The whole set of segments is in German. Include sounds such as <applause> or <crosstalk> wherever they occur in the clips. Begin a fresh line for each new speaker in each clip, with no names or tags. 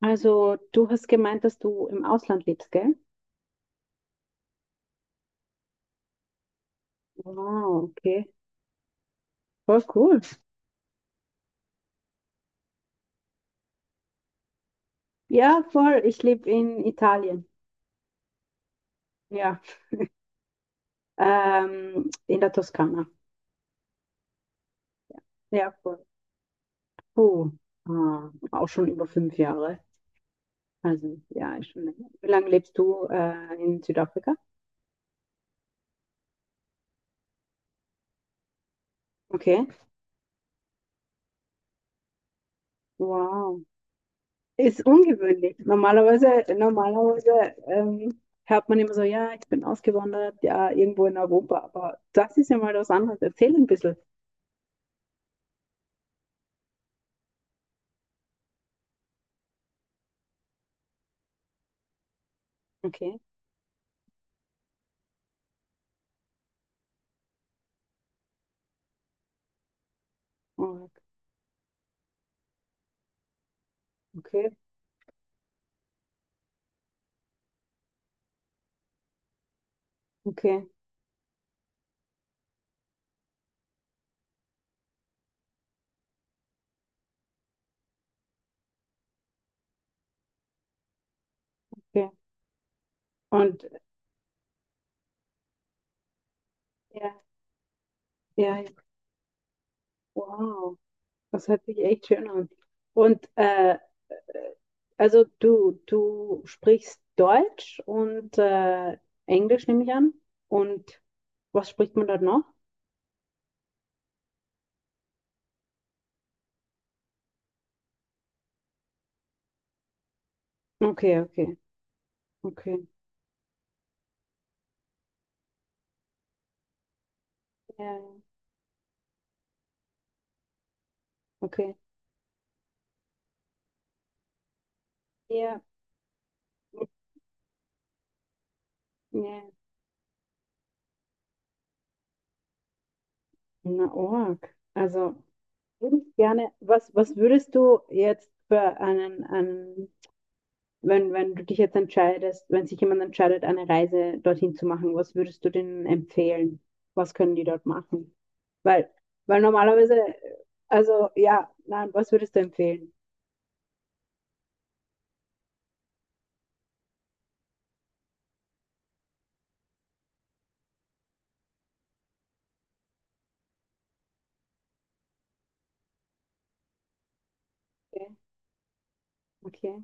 Also, du hast gemeint, dass du im Ausland lebst, gell? Wow, okay. Voll cool. Ja, voll. Ich lebe in Italien. Ja. In der Toskana. Ja, voll. Oh, auch schon über 5 Jahre. Also, ja, ist schon länger. Wie lange lebst du in Südafrika? Okay. Wow. Ist ungewöhnlich. Normalerweise hört man immer so, ja, ich bin ausgewandert, ja, irgendwo in Europa. Aber das ist ja mal was anderes. Erzähl ein bisschen. Okay. Oh, okay, okay, okay. Und ja, ja, ja, wow, das hört sich echt schön an. Und also du sprichst Deutsch und Englisch, nehme ich an. Und was spricht man dort noch? Okay, okay, okay. Ja, ja, okay. Ja, ja. Na, org. Also würde ich gerne, was würdest du jetzt für einen wenn du dich jetzt entscheidest, wenn sich jemand entscheidet, eine Reise dorthin zu machen, was würdest du denen empfehlen? Was können die dort machen? Weil, normalerweise, also ja, nein, was würdest du empfehlen? Okay, okay,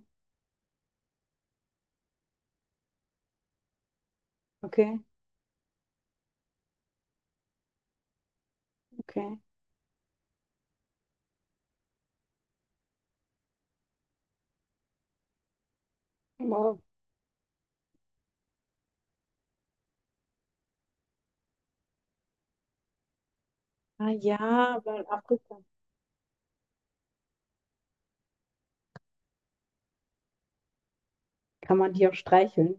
okay, okay. Wow. Ah ja, weil Afrika. Kann man die auch streicheln?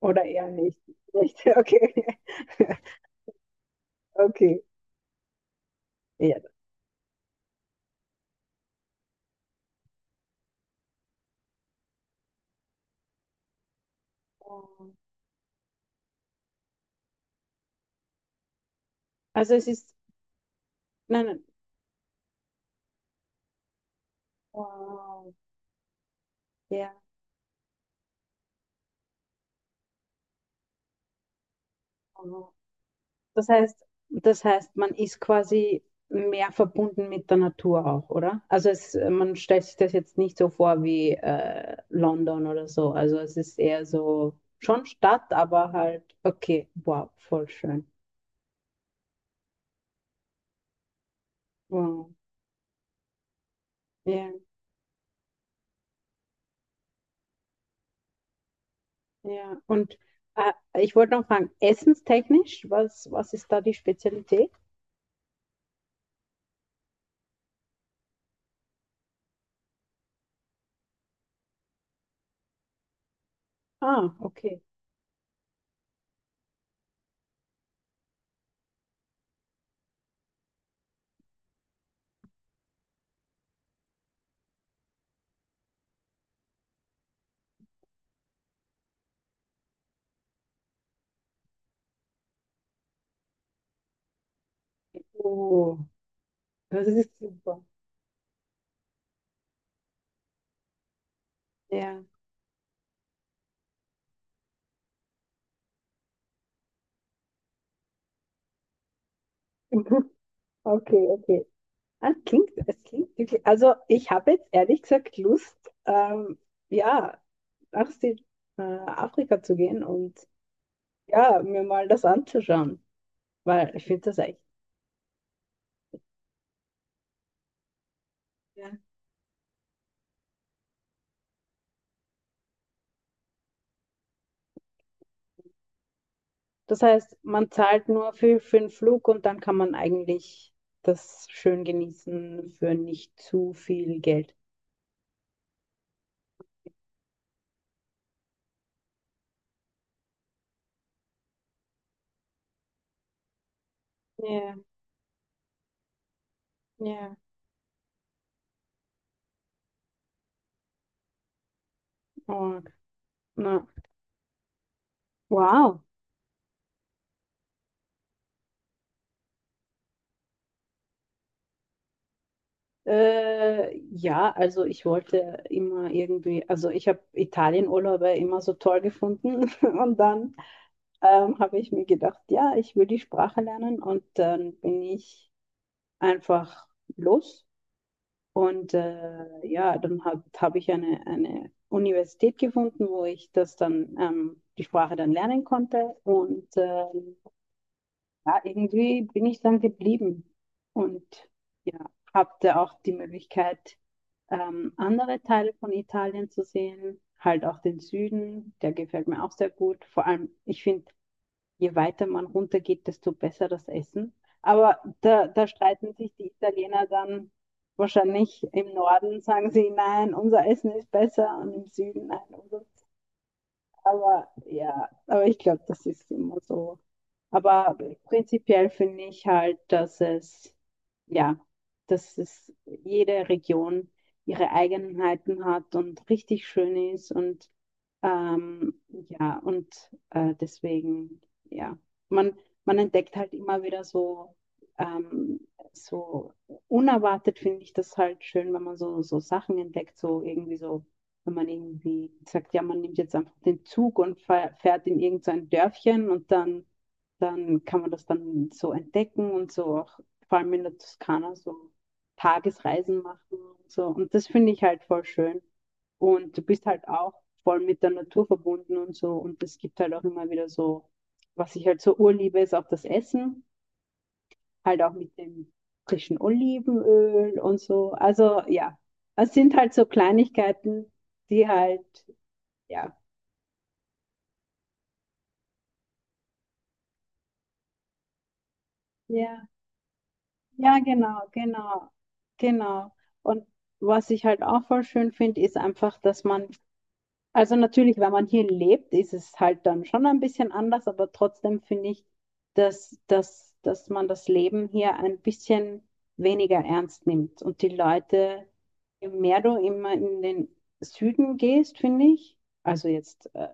Oder eher nicht? Nicht, <laughs> okay. <laughs> Okay. Ja. Wow. Also es ist, nein, nein. Wow. Ja, wow. Das heißt, man ist quasi mehr verbunden mit der Natur auch, oder? Also es, man stellt sich das jetzt nicht so vor wie London oder so. Also es ist eher so schon Stadt, aber halt, okay, wow, voll schön. Wow. Ja, ja. Und äh, ich wollte noch fragen, essenstechnisch, was ist da die Spezialität? Ah, okay. Oh, das ist super. Ja. <laughs> Okay, okay. Ah, es klingt wirklich. Also ich habe jetzt ehrlich gesagt Lust, ähm, ja, nach Afrika zu gehen und ja, mir mal das anzuschauen, weil ich finde das echt. Ja. Das heißt, man zahlt nur für den Flug und dann kann man eigentlich das schön genießen für nicht zu viel Geld. Ja, ja. Oh, na, wow. Ja, also ich wollte immer irgendwie, also ich habe Italienurlaube immer so toll gefunden <laughs> und dann habe ich mir gedacht, ja, ich will die Sprache lernen und dann bin ich einfach los und ja, dann hab ich eine Universität gefunden, wo ich das dann, die Sprache dann lernen konnte und ja, irgendwie bin ich dann geblieben und ja, hatte auch die Möglichkeit, andere Teile von Italien zu sehen, halt auch den Süden, der gefällt mir auch sehr gut. Vor allem, ich finde, je weiter man runtergeht, desto besser das Essen. Aber da streiten sich die Italiener dann wahrscheinlich im Norden, sagen sie, nein, unser Essen ist besser und im Süden, nein, unser. Aber ja, aber ich glaube, das ist immer so. Aber prinzipiell finde ich halt, dass es, ja, dass es jede Region ihre Eigenheiten hat und richtig schön ist und ähm, ja, und deswegen, ja, man, man entdeckt halt immer wieder so, ähm, so unerwartet finde ich das halt schön, wenn man so, so Sachen entdeckt, so irgendwie so, wenn man irgendwie sagt, ja, man nimmt jetzt einfach den Zug und fährt in irgendein Dörfchen und dann kann man das dann so entdecken und so auch, vor allem in der Toskana, so Tagesreisen machen und so. Und das finde ich halt voll schön. Und du bist halt auch voll mit der Natur verbunden und so. Und es gibt halt auch immer wieder so, was ich halt so urliebe, ist auch das Essen, halt auch mit dem frischen Olivenöl und so. Also ja, es sind halt so Kleinigkeiten, die halt, ja. Ja, ja, genau, genau, genau. Und was ich halt auch voll schön finde, ist einfach, dass man, also natürlich, wenn man hier lebt, ist es halt dann schon ein bisschen anders, aber trotzdem finde ich, dass man das Leben hier ein bisschen weniger ernst nimmt. Und die Leute, je mehr du immer in den Süden gehst, finde ich, also jetzt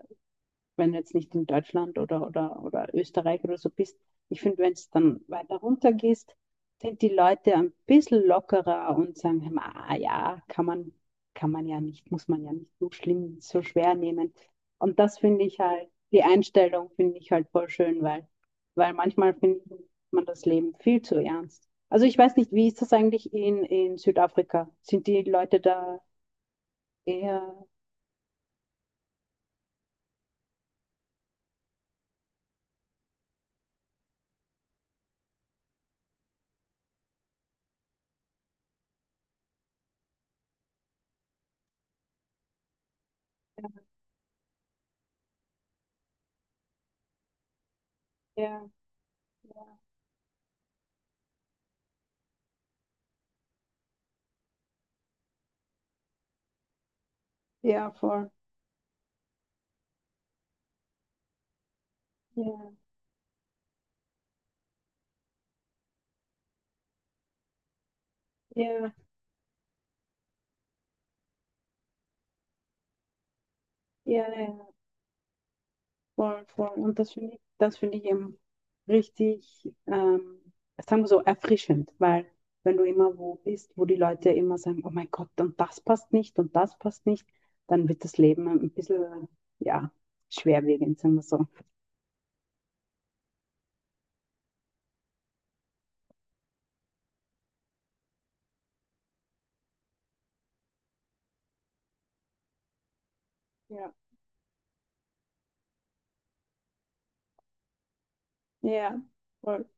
wenn du jetzt nicht in Deutschland oder Österreich oder so bist, ich finde, wenn es dann weiter runter gehst, sind die Leute ein bisschen lockerer und sagen, "Hm, ah ja, kann man ja nicht, muss man ja nicht so schlimm, so schwer nehmen. Und das finde ich halt, die Einstellung finde ich halt voll schön, weil, manchmal findet man das Leben viel zu ernst. Also ich weiß nicht, wie ist das eigentlich in Südafrika? Sind die Leute da eher, eher, eher voll? Ja, ja, ja, ja. Voll, voll. Und das finde ich eben richtig, sagen wir so, erfrischend, weil wenn du immer wo bist, wo die Leute immer sagen, oh mein Gott, und das passt nicht und das passt nicht, dann wird das Leben ein bisschen, ja, schwerwiegend, sagen wir so. Ja, ja, voll.